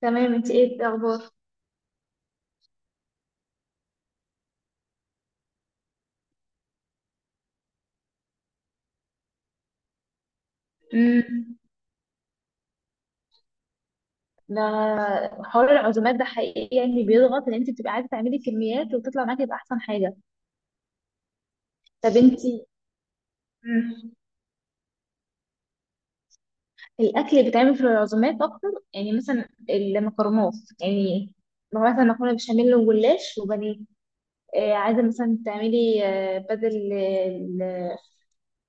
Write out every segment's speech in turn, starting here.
تمام، انت ايه الاخبار؟ امم ده حوار العزومات ده حقيقي يعني بيضغط ان انت بتبقى عايزه تعملي كميات وتطلع معاكي باحسن حاجه. طب انت امم الاكل اللي بيتعمل في العزومات اكتر يعني مثلا المكرونات. يعني لو مثلا مكرونه بشاميل وجلاش وبانيه. عايزه مثلا تعملي بدل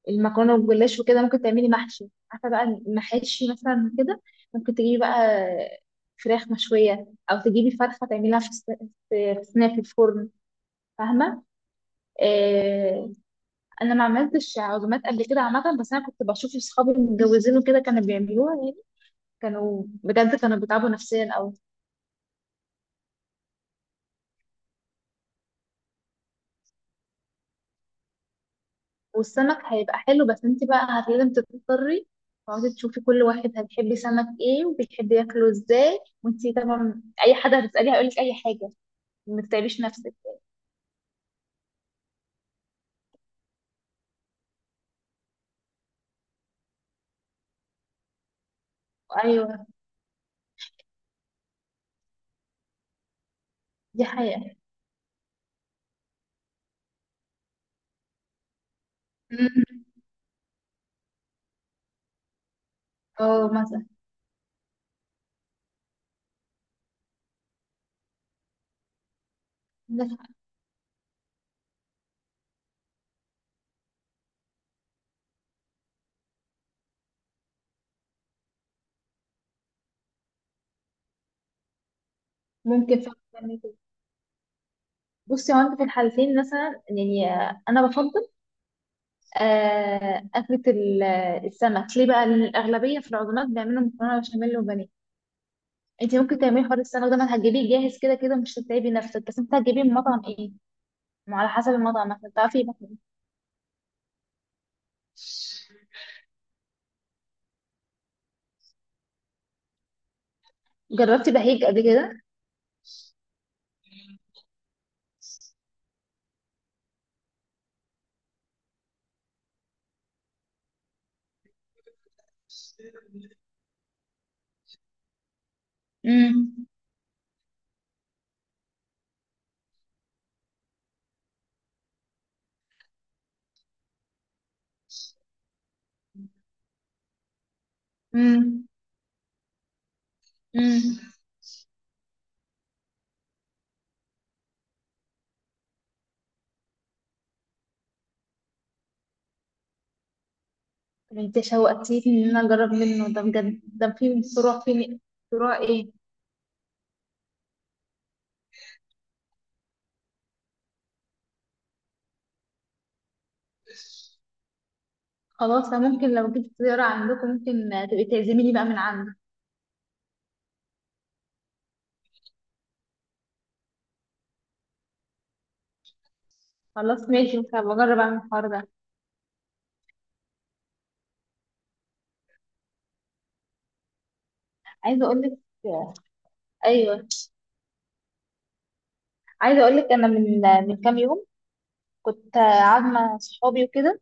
المكرونه والجلاش وكده ممكن تعملي محشي، عارفه بقى المحاشي مثلا كده. ممكن تجيبي بقى فراخ مشويه او تجيبي فرخه تعمليها في صينيه في الفرن. فاهمه؟ آه انا ما عملتش عزومات قبل كده عامه، بس انا كنت بشوف اصحابي المتجوزين وكده كانوا بيعملوها يعني، كانوا بجد كانوا بيتعبوا نفسيا قوي. والسمك هيبقى حلو بس انت بقى لازم تضطري تقعدي تشوفي كل واحد هتحبي سمك ايه وبيحب ياكله ازاي، وانت طبعا اي حد هتساليه هيقول لك اي حاجه. ما تتعبيش نفسك. ايوه، دي حقيقة. مم. اه، مثلا. عندك حق. ممكن فعلا تعمل كده. بصي هو انت في الحالتين مثلا يعني انا بفضل آه، اكلة ال- السمك ليه بقى، لأن الاغلبية في العزومات بيعملوا مكرونة بشاميل وبانيه. انت ممكن تعملي حوار السمك ده، ما هتجيبيه جاهز كده كده مش هتتعبي نفسك. بس انت هتجيبيه من مطعم ايه؟ ما على حسب المطعم مثلا تعرفي يبقى إيه. جربتي بهيج قبل كده؟ امم. امم. طب انت شوقتيني ان انا اجرب منه ده بجد. ده في فروع ايه؟ خلاص، انا ممكن لو جيت زيارة عندكم ممكن تبقي تعزميني بقى من عندك. خلاص ماشي، ممكن أبقى اجرب اعمل الحوار ده. عايزه اقول لك. ايوه. عايزه اقول لك انا من كام يوم كنت قاعده مع صحابي وكده،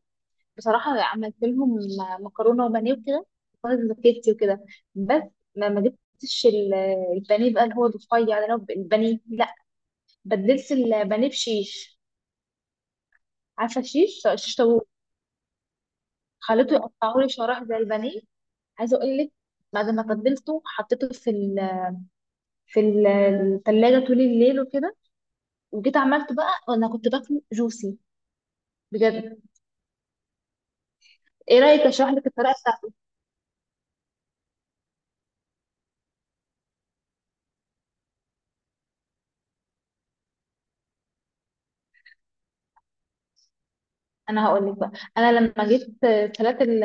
بصراحه عملت لهم مكرونه وبانيه وكده، وخلاص زكيتي وكده. بس ما جبتش البانيه بقى، اللي هو الرفيع ده، اللي هو البانيه. لا، بدلت البانيه بشيش. عارفه الشيش، شيش طاووق. خليته يقطعه لي شرايح زي البانيه. عايزه اقول لك، بعد ما تبلته حطيته في الثلاجه طول الليل وكده. وجيت عملته بقى وانا كنت باكله جوسي، بجد. ايه رايك اشرح لك الطريقه بتاعته؟ انا هقول لك بقى. انا لما جيت سلقت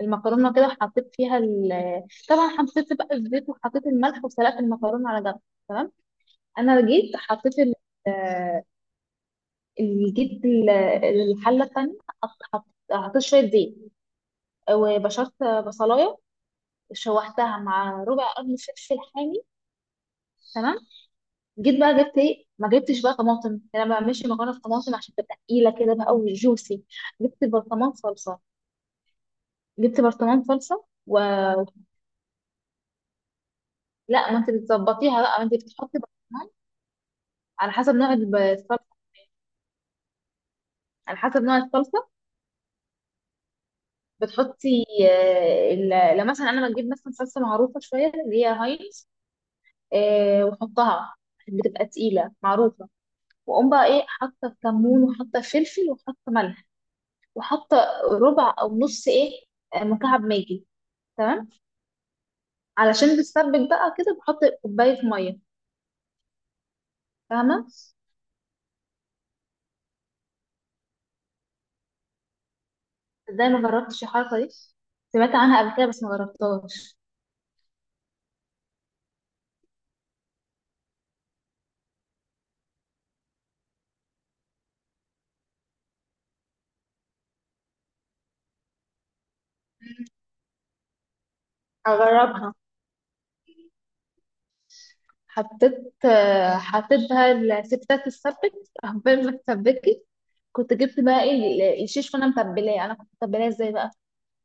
المكرونه كده طبعا حطيت بقى الزيت وحطيت الملح وسلقت المكرونه على جنب. تمام. انا جيت حطيت ال- جيت ال- الحله التانيه، حطيت شويه زيت وبشرت بصلايه، شوحتها مع ربع قرن فلفل حامي. تمام. جيت بقى جبت ايه، ما جبتش بقى طماطم، انا ما بعملش مكرونه بطماطم عشان تبقى تقيله كده بقى وجوسي. جبت برطمان صلصه. جبت برطمان صلصه ولا. ما انت بتظبطيها بقى، ما انت بتحطي برطمان على حسب نوع الصلصه، على حسب نوع الصلصه. بتحطي لو مثلا انا ما اجيب مثلا صلصه معروفه شويه اللي هي هاينز، واحطها، بتبقى تقيله معروفه. واقوم بقى ايه حاطه كمون وحاطه فلفل وحاطه ملح وحاطه ربع او نص ايه، مكعب ماجي. تمام. علشان بتسبك بقى كده بحط كوبايه ميه. فاهمه؟ ازاي ما جربتش الحركه دي؟ سمعت عنها قبل كده بس ما جربتهاش. هجربها. حطيت بقى، الستات تتسبك عقبال ما تتسبكي. كنت جبت بقى ايه الشيش وانا متبلاه. انا كنت متبلاه ازاي بقى؟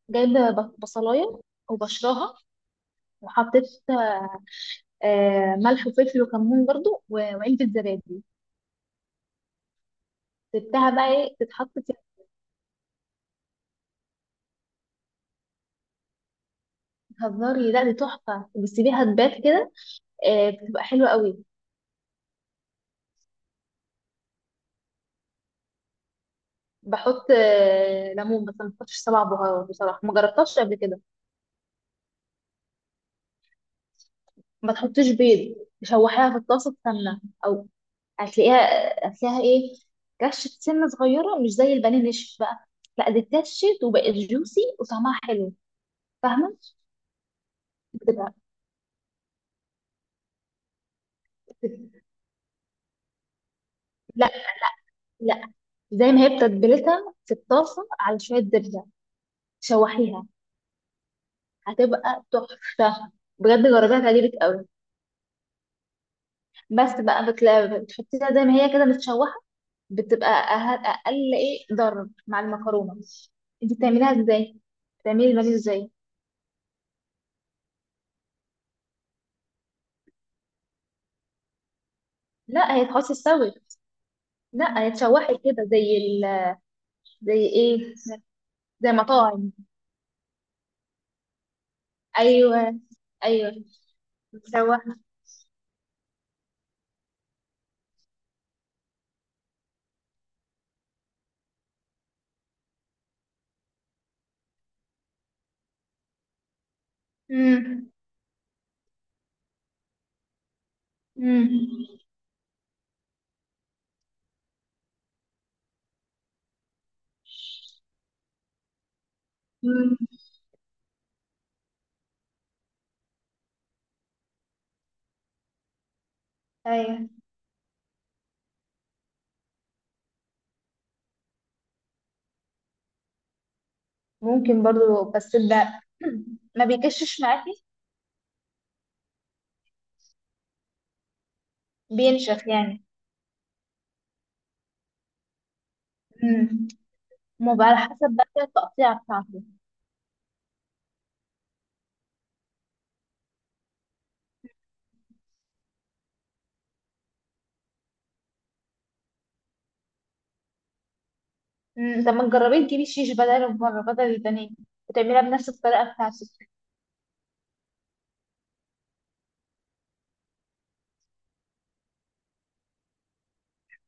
جايبه بصلايه وبشرها، وحطيت ملح وفلفل وكمون برضو و- وعلبه زبادي. سبتها بقى ايه تتحط. هزاري، لا دي تحفة، بتسيبيها تبات كده، بتبقى حلوة قوي. بحط ليمون بس ما بحطش سبع بهارات، بصراحة ما جربتهاش قبل كده. ما تحطيش بيض. تشوحيها في الطاسة سمنة أو هتلاقيها هتلاقيها إيه؟ كشة سنة صغيرة مش زي البانيه نشف بقى. لا، دي اتكشت وبقت جوسي وطعمها حلو. فاهمة؟ بتبقى بت- لا لا، زي ما هي بتتبلتها في الطاسة على شوية زبدة. شوحيها. هتبقى تحفة، بجد جربيها تعجبك قوي. بس بقى بتحطيها زي ما هي كده متشوحة. بتبقى أقل إيه، ضرب مع المكرونة. أنت بتعمليها إزاي؟ بتعملي البانيه إزاي؟ لا، هي تحطي استوت. لا، هي اتشوحت كده زي إيه؟ زي مطاعم. أيوه، أيوه، متشوحة. مم. مم. مم. أيوه. ممكن برضو، بس ده ما بيكشش معاكي. بينشف يعني. مم. ما بقى على حسب بقى التقطيع بتاعته. مم، طب ما تجربي تجيبي شيش بدل البانيه وتعملها بنفس الطريقة بتاعتك.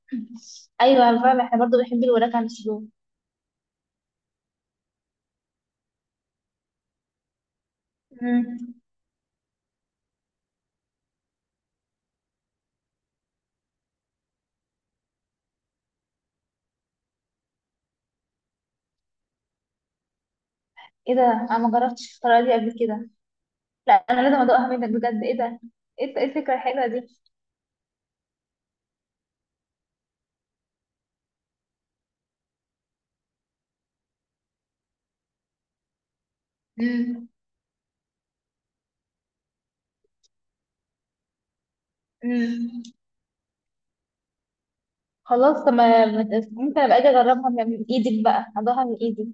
أيوة، أنا فاهمة، احنا برضه بنحب الوراك عن الشروب. مم. ايه ده، أنا ما جربتش الطريقة دي قبل كده. لا أنا لازم أدوقها منك بجد. ايه ده؟ إيه الفكرة الحلوة دي؟ مم. مم. خلاص، طب ما ما ت- ممكن أبقى أجي أجربها من إيدك بقى، أدوقها من إيدك.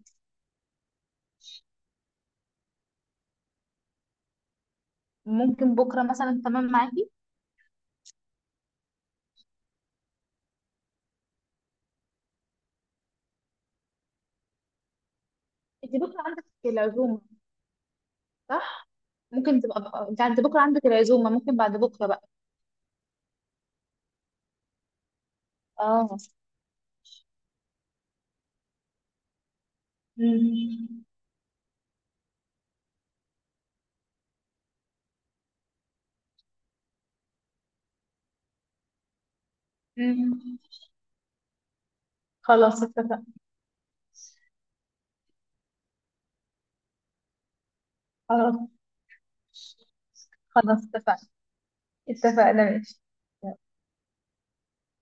ممكن بكرة مثلا، تمام معاكي. أنت بكرة عندك العزومة، صح؟ ممكن تبقى أنت بكرة عندك العزومة، ممكن بعد بكرة بقى. اه. مم. مم. خلاص اتفقنا. خلاص. خلاص اتفقنا، اتفقنا، ماشي.